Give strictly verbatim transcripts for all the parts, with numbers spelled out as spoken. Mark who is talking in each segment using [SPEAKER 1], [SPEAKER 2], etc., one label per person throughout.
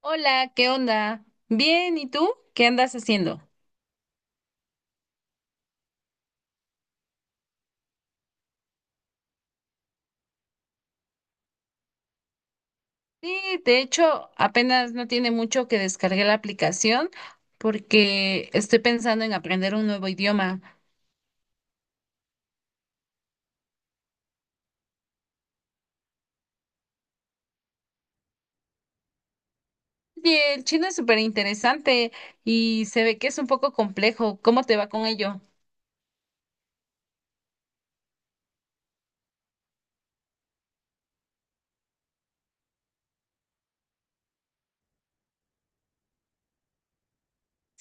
[SPEAKER 1] Hola, ¿qué onda? Bien, ¿y tú? ¿Qué andas haciendo? Sí, de hecho, apenas no tiene mucho que descargué la aplicación porque estoy pensando en aprender un nuevo idioma. Oye, el chino es súper interesante y se ve que es un poco complejo. ¿Cómo te va con ello?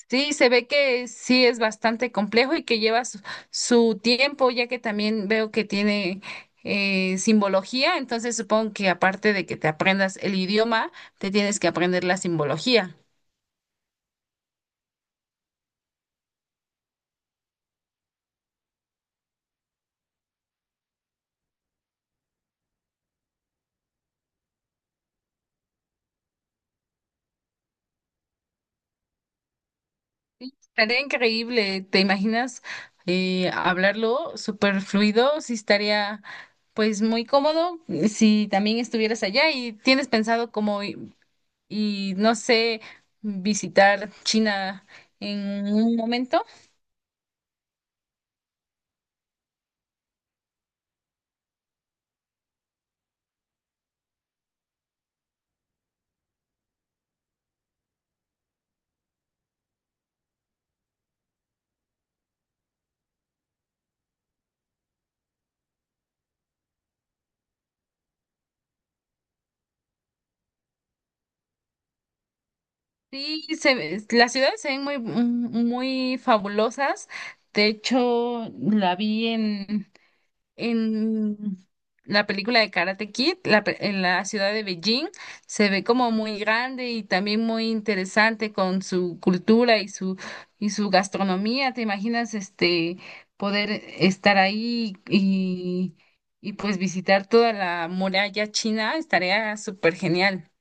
[SPEAKER 1] Sí, se ve que sí es bastante complejo y que lleva su, su tiempo, ya que también veo que tiene eh, simbología. Entonces supongo que aparte de que te aprendas el idioma, te tienes que aprender la simbología. Sí, estaría increíble. ¿Te imaginas eh, hablarlo súper fluido? Sí, estaría pues muy cómodo eh, si también estuvieras allá. Y tienes pensado como y, y, no sé, visitar China en un momento. Sí, se, ve- las ciudades se ven muy, mm, muy fabulosas. De hecho, la vi en En la película de Karate Kid, la pe- en la ciudad de Beijing. Se ve como muy grande y también muy interesante con su cultura y su y su gastronomía. ¿Te imaginas este poder estar ahí y, y pues visitar toda la muralla china? Estaría súper genial.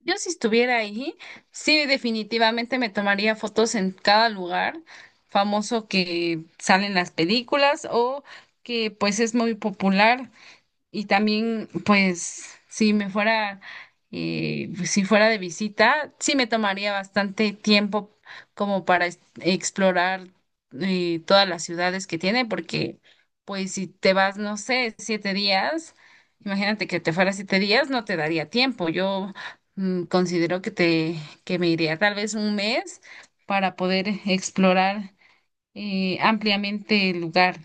[SPEAKER 1] Yo, si estuviera ahí, sí, definitivamente me tomaría fotos en cada lugar famoso que salen las películas o que pues es muy popular. Y también, pues, si me fuera, eh, pues, si fuera de visita, sí me tomaría bastante tiempo como para es- explorar eh, todas las ciudades que tiene, porque, pues, si te vas, no sé, siete días, imagínate que te fuera siete días, no te daría tiempo. Yo, mm, considero que te, que me iría tal vez un mes para poder explorar eh, ampliamente el lugar.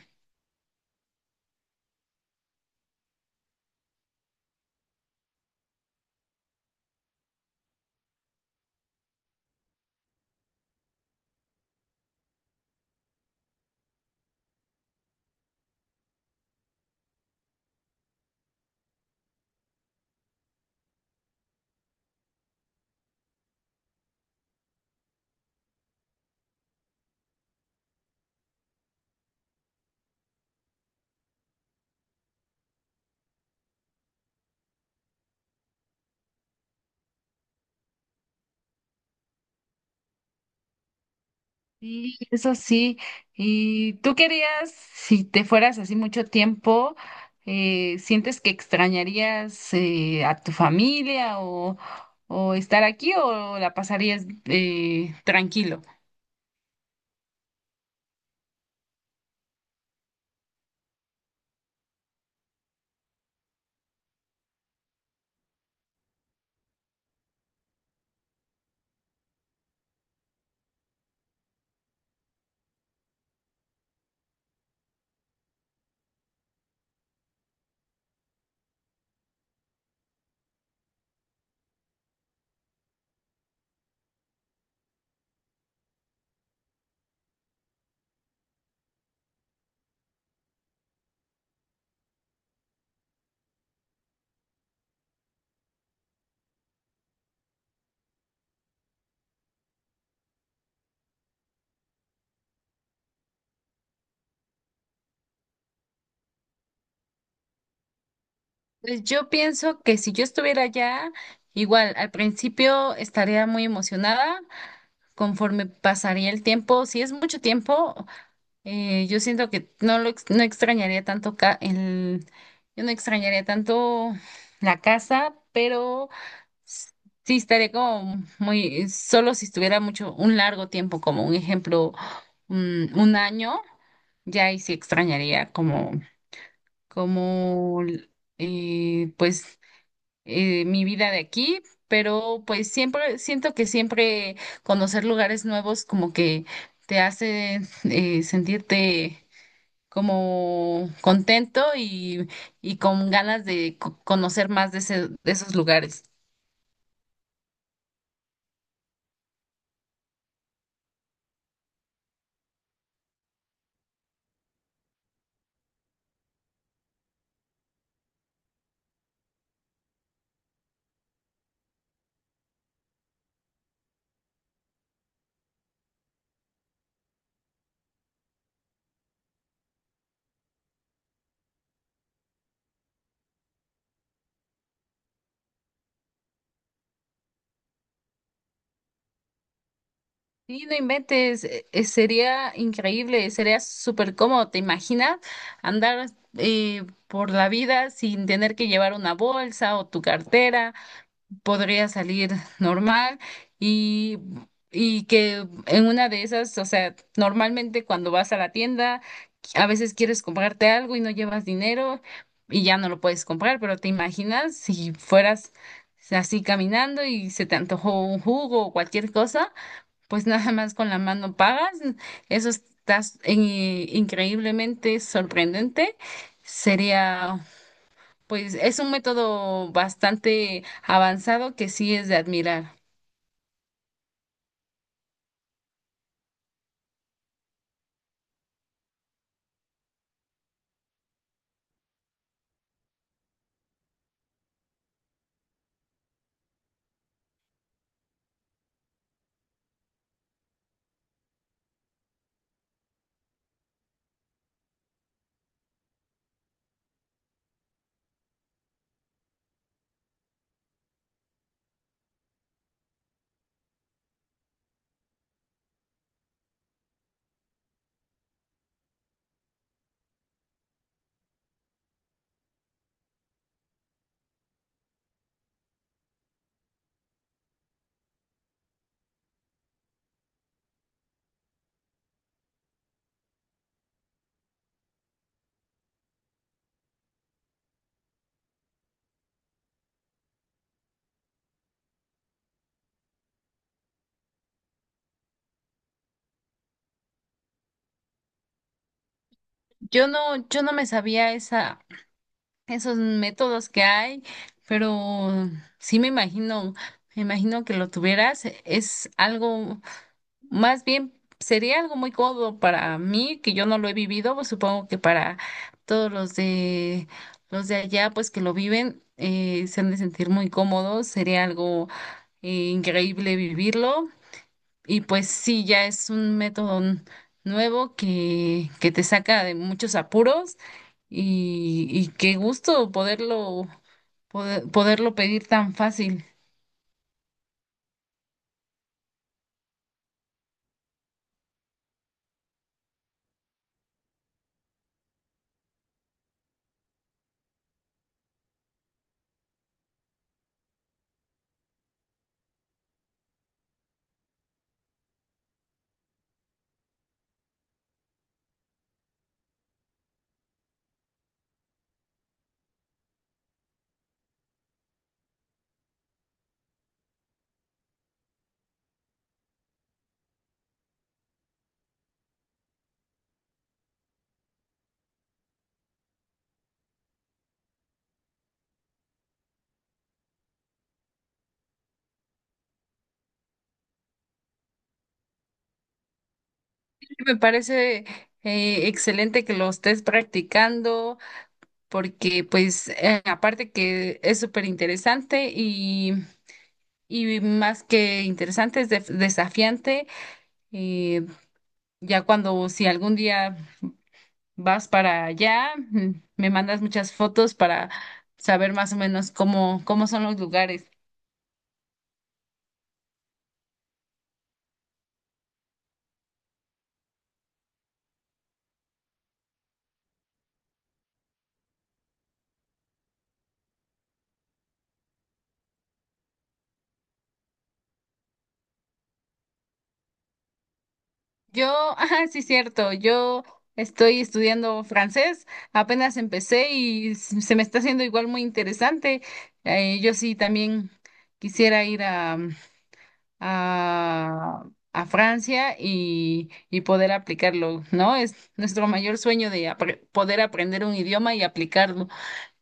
[SPEAKER 1] Sí, eso sí. ¿Y tú querías, si te fueras así mucho tiempo, eh, sientes que extrañarías eh, a tu familia o, o estar aquí, o la pasarías eh, tranquilo? Pues yo pienso que si yo estuviera allá, igual al principio estaría muy emocionada. Conforme pasaría el tiempo, si es mucho tiempo, Eh, yo siento que no lo ex- no extrañaría tanto ca- el, yo no extrañaría tanto la casa, pero s- sí estaría como muy solo si estuviera mucho, un largo tiempo, como un ejemplo, un, un año. Ya ahí sí extrañaría como, como eh, pues eh, mi vida de aquí, pero pues siempre siento que siempre conocer lugares nuevos como que te hace eh, sentirte como contento y, y con ganas de co- conocer más de, ese- de esos lugares. Sí, no inventes, eh, eh, sería increíble, sería súper cómodo. ¿Te imaginas? Andar eh, por la vida sin tener que llevar una bolsa o tu cartera. Podría salir normal y, y que en una de esas, o sea, normalmente cuando vas a la tienda a veces quieres comprarte algo y no llevas dinero y ya no lo puedes comprar, pero te imaginas si fueras así caminando y se te antojó un jugo o cualquier cosa, pues nada más con la mano pagas. Eso estás eh, increíblemente sorprendente. Sería pues Es un método bastante avanzado que sí es de admirar. Yo no, yo no me sabía esa, esos métodos que hay, pero sí me imagino, me imagino, que lo tuvieras. Es algo, más bien sería algo muy cómodo para mí, que yo no lo he vivido. Pues supongo que para todos los de los de allá, pues que lo viven, eh, se han de sentir muy cómodos. Sería algo eh, increíble vivirlo. Y pues sí, ya es un método n- nuevo que, que te saca de muchos apuros y, y qué gusto poderlo, poder- poderlo pedir tan fácil. Sí, me parece eh, excelente que lo estés practicando, porque pues eh, aparte que es súper interesante y, y más que interesante, es def- desafiante. eh, ya cuando si algún día vas para allá, mm, me mandas muchas fotos para saber más o menos cómo, cómo son los lugares. Yo, ah, sí, cierto, yo estoy estudiando francés, apenas empecé y s- se me está haciendo igual muy interesante. Eh, yo sí también quisiera ir a, mm, a, a Francia y, y poder aplicarlo, ¿no? Es nuestro mayor sueño de apre- poder aprender un idioma y aplicarlo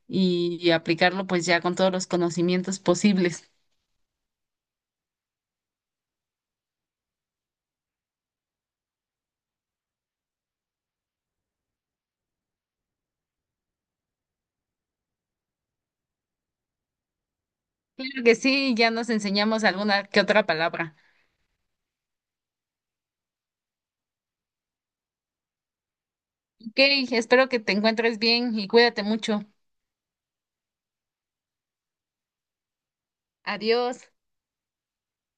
[SPEAKER 1] y, y aplicarlo, pues ya, con todos los conocimientos posibles. Claro que sí, ya nos enseñamos alguna que otra palabra. Ok, espero que te encuentres bien y cuídate mucho. Adiós.